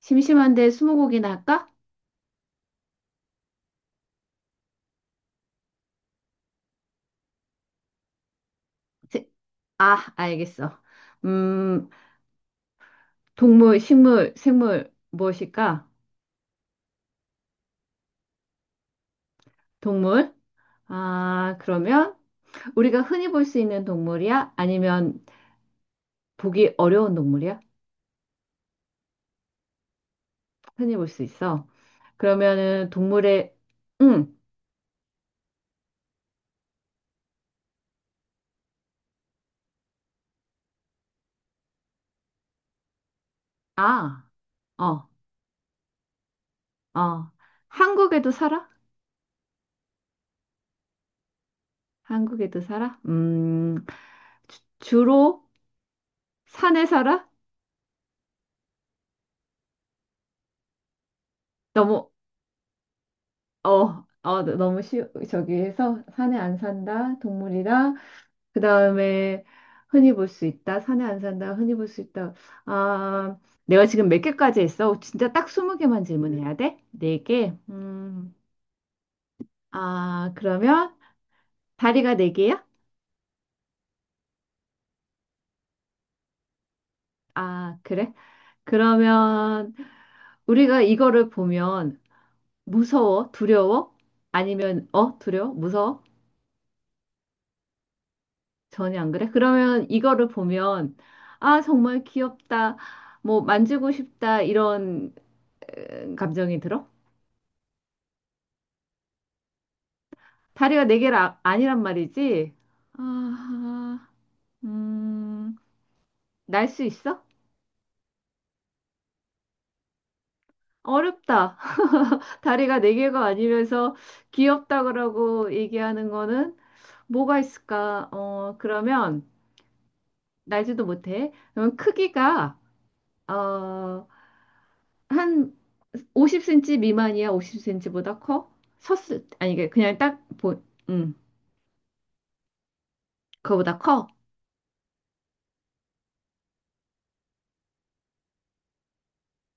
심심한데 스무고개나 할까? 세- 아, 알겠어. 음, 동물, 식물, 생물 무엇일까? 동물? 아, 그러면 우리가 흔히 볼 수 있는 동물이야? 아니면 보기 어려운 동물이야? 흔히 볼 수 있어. 그러면은 동물의. 음, 아, 어, 어. 한국에도 살아? 한국에도 살아? 주로 산에 살아? 너무. 너무 쉬, 저기 해서 산에 안 산다, 동물이다. 그 다음에 흔히 볼 수 있다, 산에 안 산다, 흔히 볼 수 있다. 아, 내가 지금 몇 개까지 했어? 진짜 딱 20개만 질문해야 돼? 네개 아, 그러면 다리가 네개야 아, 그래? 그러면 우리가 이거를 보면 무서워? 두려워? 아니면, 두려워? 무서워? 전혀 안 그래? 그러면 이거를 보면, 아, 정말 귀엽다. 뭐, 만지고 싶다. 이런, 감정이 들어? 다리가 네 개가 아- 니란 말이지? 아, 음, 날 수 있어? 어렵다. 다리가 네 개가 아니면서 귀엽다 그러고 얘기하는 거는 뭐가 있을까? 그러면 날지도 못해. 그러면 크기가, 어, 한 50cm 미만이야? 50cm보다 커? 섰을 때- 아니 이게 그냥 딱 보, 음, 그거보다 커?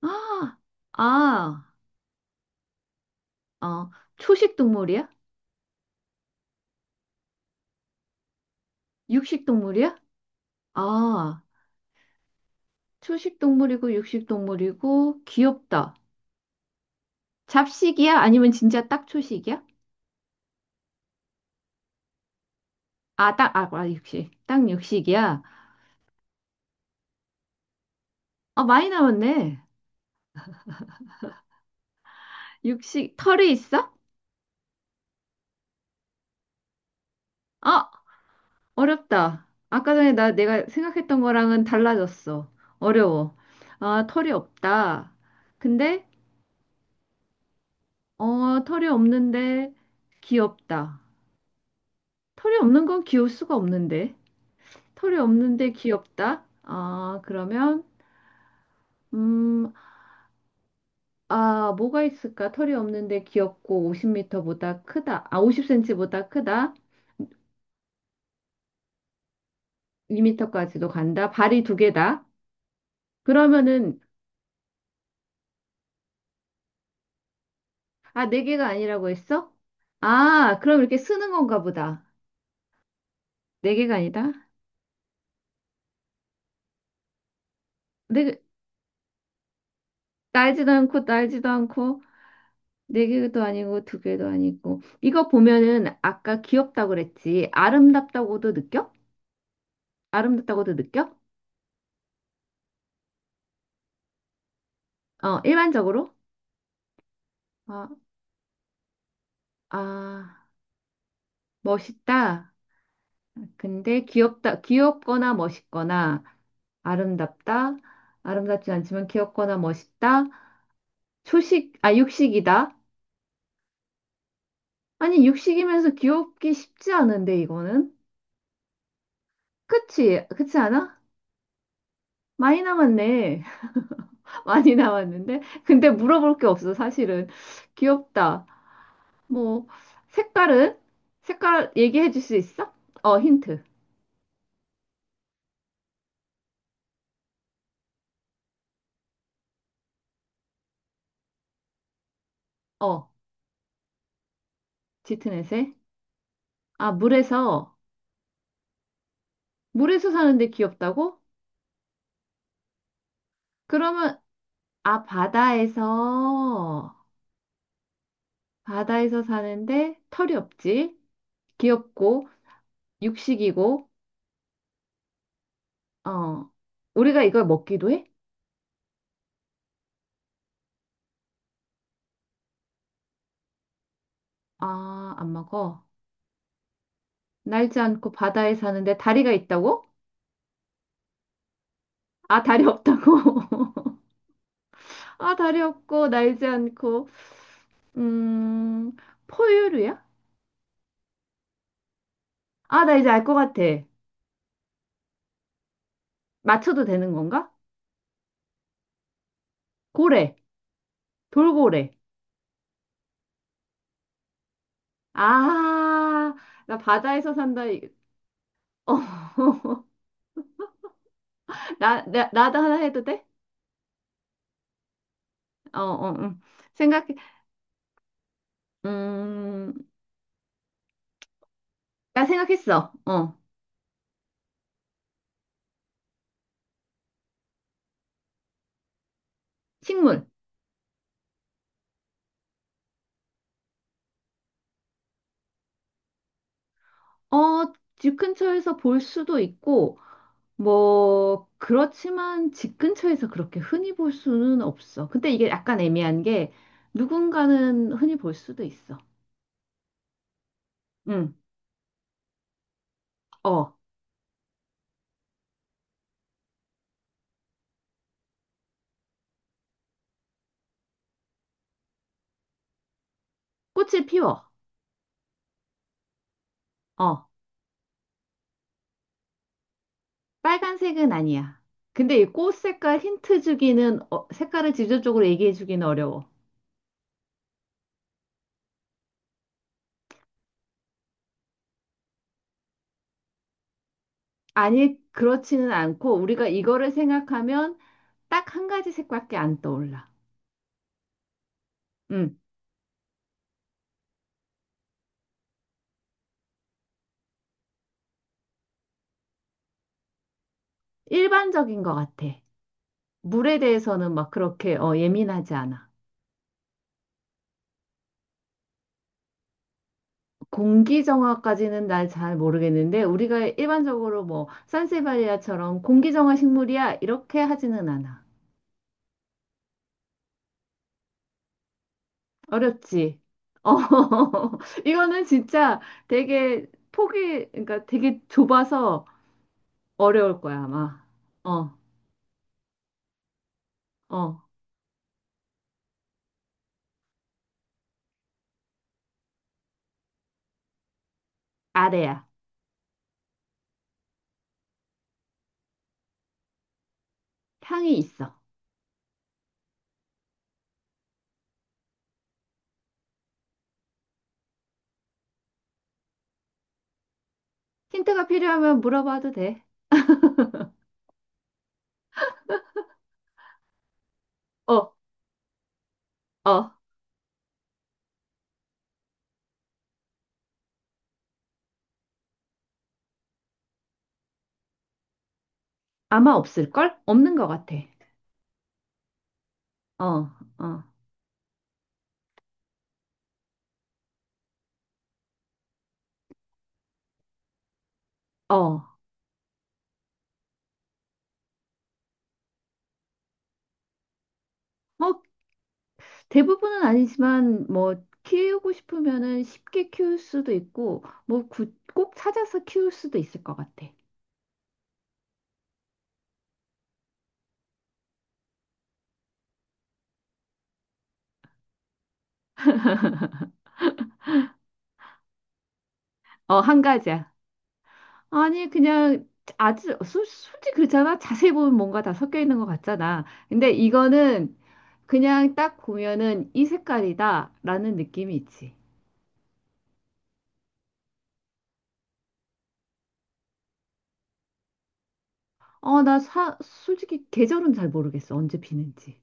아, 아, 어, 초식 동물이야? 육식 동물이야? 아, 초식 동물이고 육식 동물이고 귀엽다. 잡식이야? 아니면 진짜 딱 초식이야? 아, 딱, 아, 아, 육식. 딱 육식이야. 아, 많이 남았네. 육식, 털이 있어? 어, 어렵다. 아까 전에 나 내가 생각했던 거랑은 달라졌어. 어려워. 아, 털이 없다. 근데, 어, 털이 없는데 귀엽다. 털이 없는 건 귀여울 수가 없는데. 털이 없는데 귀엽다. 아, 그러면, 음, 아, 뭐가 있을까? 털이 없는데 귀엽고 50m보다 크다. 아, 50cm보다 크다. 2m까지도 간다. 발이 두 개다. 그러면은, 아, 네 개가 아니라고 했어? 아, 그럼 이렇게 쓰는 건가 보다. 네 개가 아니다? 네, 개- 날지도 않고 날지도 않고 네 개도 아니고 두 개도 아니고 이거 보면은 아까 귀엽다고 그랬지 아름답다고도 느껴? 아름답다고도 느껴? 어 일반적으로? 아, 아. 멋있다. 근데 귀엽다, 귀엽거나 멋있거나 아름답다. 아름답지 않지만 귀엽거나 멋있다. 초식, 아 육식이다. 아니 육식이면서 귀엽기 쉽지 않은데 이거는. 그치, 그치 않아? 많이 남았네. 많이 나왔는데 근데 물어볼 게 없어 사실은. 귀엽다. 뭐 색깔은, 색깔 얘기해 줄 수 있어? 어, 힌트. 어, 짙은색. 아, 물에서. 물에서 사는데 귀엽다고? 그러면, 아, 바다에서. 바다에서 사는데 털이 없지, 귀엽고 육식이고. 어, 우리가 이걸 먹기도 해? 아, 안 먹어. 날지 않고 바다에 사는데 다리가 있다고? 아, 다리 없다고. 아, 다리 없고, 날지 않고. 음, 포유류야? 아, 나 이제 알 것 같아. 맞춰도 되는 건가? 고래, 돌고래. 아, 나 바다에서 산다. 이- 어, 나도 하나 해도 돼? 응. 생각해. 음, 나 생각했어. 어, 식물. 어, 집 근처에서 볼 수도 있고, 뭐, 그렇지만 집 근처에서 그렇게 흔히 볼 수는 없어. 근데 이게 약간 애매한 게 누군가는 흔히 볼 수도 있어. 응, 어, 꽃을 피워. 어, 빨간색은 아니야. 근데 이 꽃 색깔 힌트 주기는, 어, 색깔을 직접적으로 얘기해 주기는 어려워. 아니, 그렇지는 않고 우리가 이거를 생각하면 딱 한 가지 색밖에 안 떠올라. 응, 일반적인 것 같아. 물에 대해서는 막 그렇게, 어, 예민하지 않아. 공기 정화까지는 날 잘 모르겠는데 우리가 일반적으로 뭐 산세바리아처럼 공기 정화 식물이야 이렇게 하지는 않아. 어렵지. 어, 이거는 진짜 되게 폭이 그러니까 되게 좁아서 어려울 거야 아마. 어, 어, 아래야. 향이 있어. 힌트가 필요하면 물어봐도 돼. 어, 어, 아마 없을걸? 없는 것 같아. 어, 어, 어. 뭐 대부분은 아니지만 뭐 키우고 싶으면은 쉽게 키울 수도 있고 뭐 구- 꼭 찾아서 키울 수도 있을 것 같아. 어, 한 가지야. 아니 그냥 아주 소- 솔직히 그렇잖아. 자세히 보면 뭔가 다 섞여 있는 것 같잖아. 근데 이거는 그냥 딱 보면은 이 색깔이다라는 느낌이 있지. 어, 나 사, 솔직히 계절은 잘 모르겠어. 언제 피는지.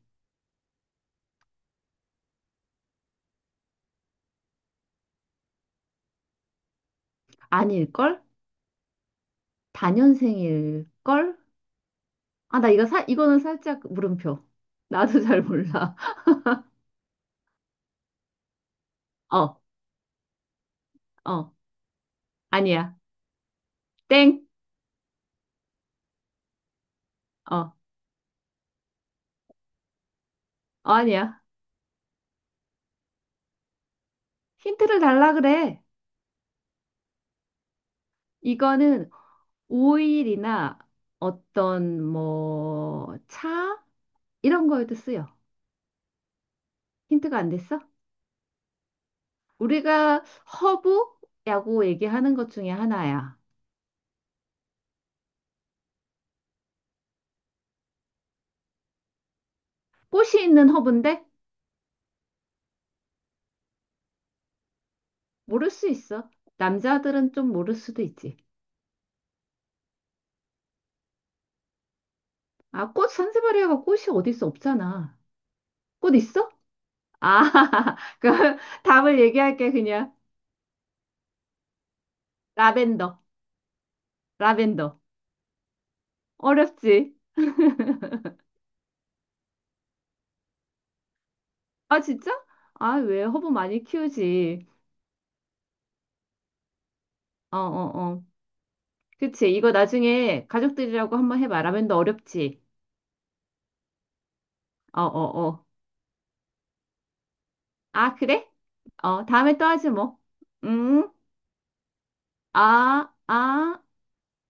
아닐걸? 다년생일걸? 아, 나 이거 사, 이거는 살짝 물음표. 나도 잘 몰라. 어, 어, 아니야. 땡. 어, 어, 아니야. 힌트를 달라 그래. 이거는 오일이나 어떤 뭐 차 이런 거에도 쓰여. 힌트가 안 됐어? 우리가 허브라고 얘기하는 것 중에 하나야. 꽃이 있는 허브인데. 모를 수 있어. 남자들은 좀 모를 수도 있지. 아, 꽃. 산세바리아가 꽃이 어디 있어? 없잖아. 꽃 있어? 아, 그럼 답을 얘기할게 그냥. 라벤더. 라벤더. 어렵지? 아, 진짜? 아, 왜? 허브 많이 키우지. 어, 어, 어. 그치. 이거 나중에 가족들이라고 한번 해봐. 라벤더 어렵지? 어, 어, 어. 아, 그래? 어, 다음에 또 하지 뭐. 음, 아, 아.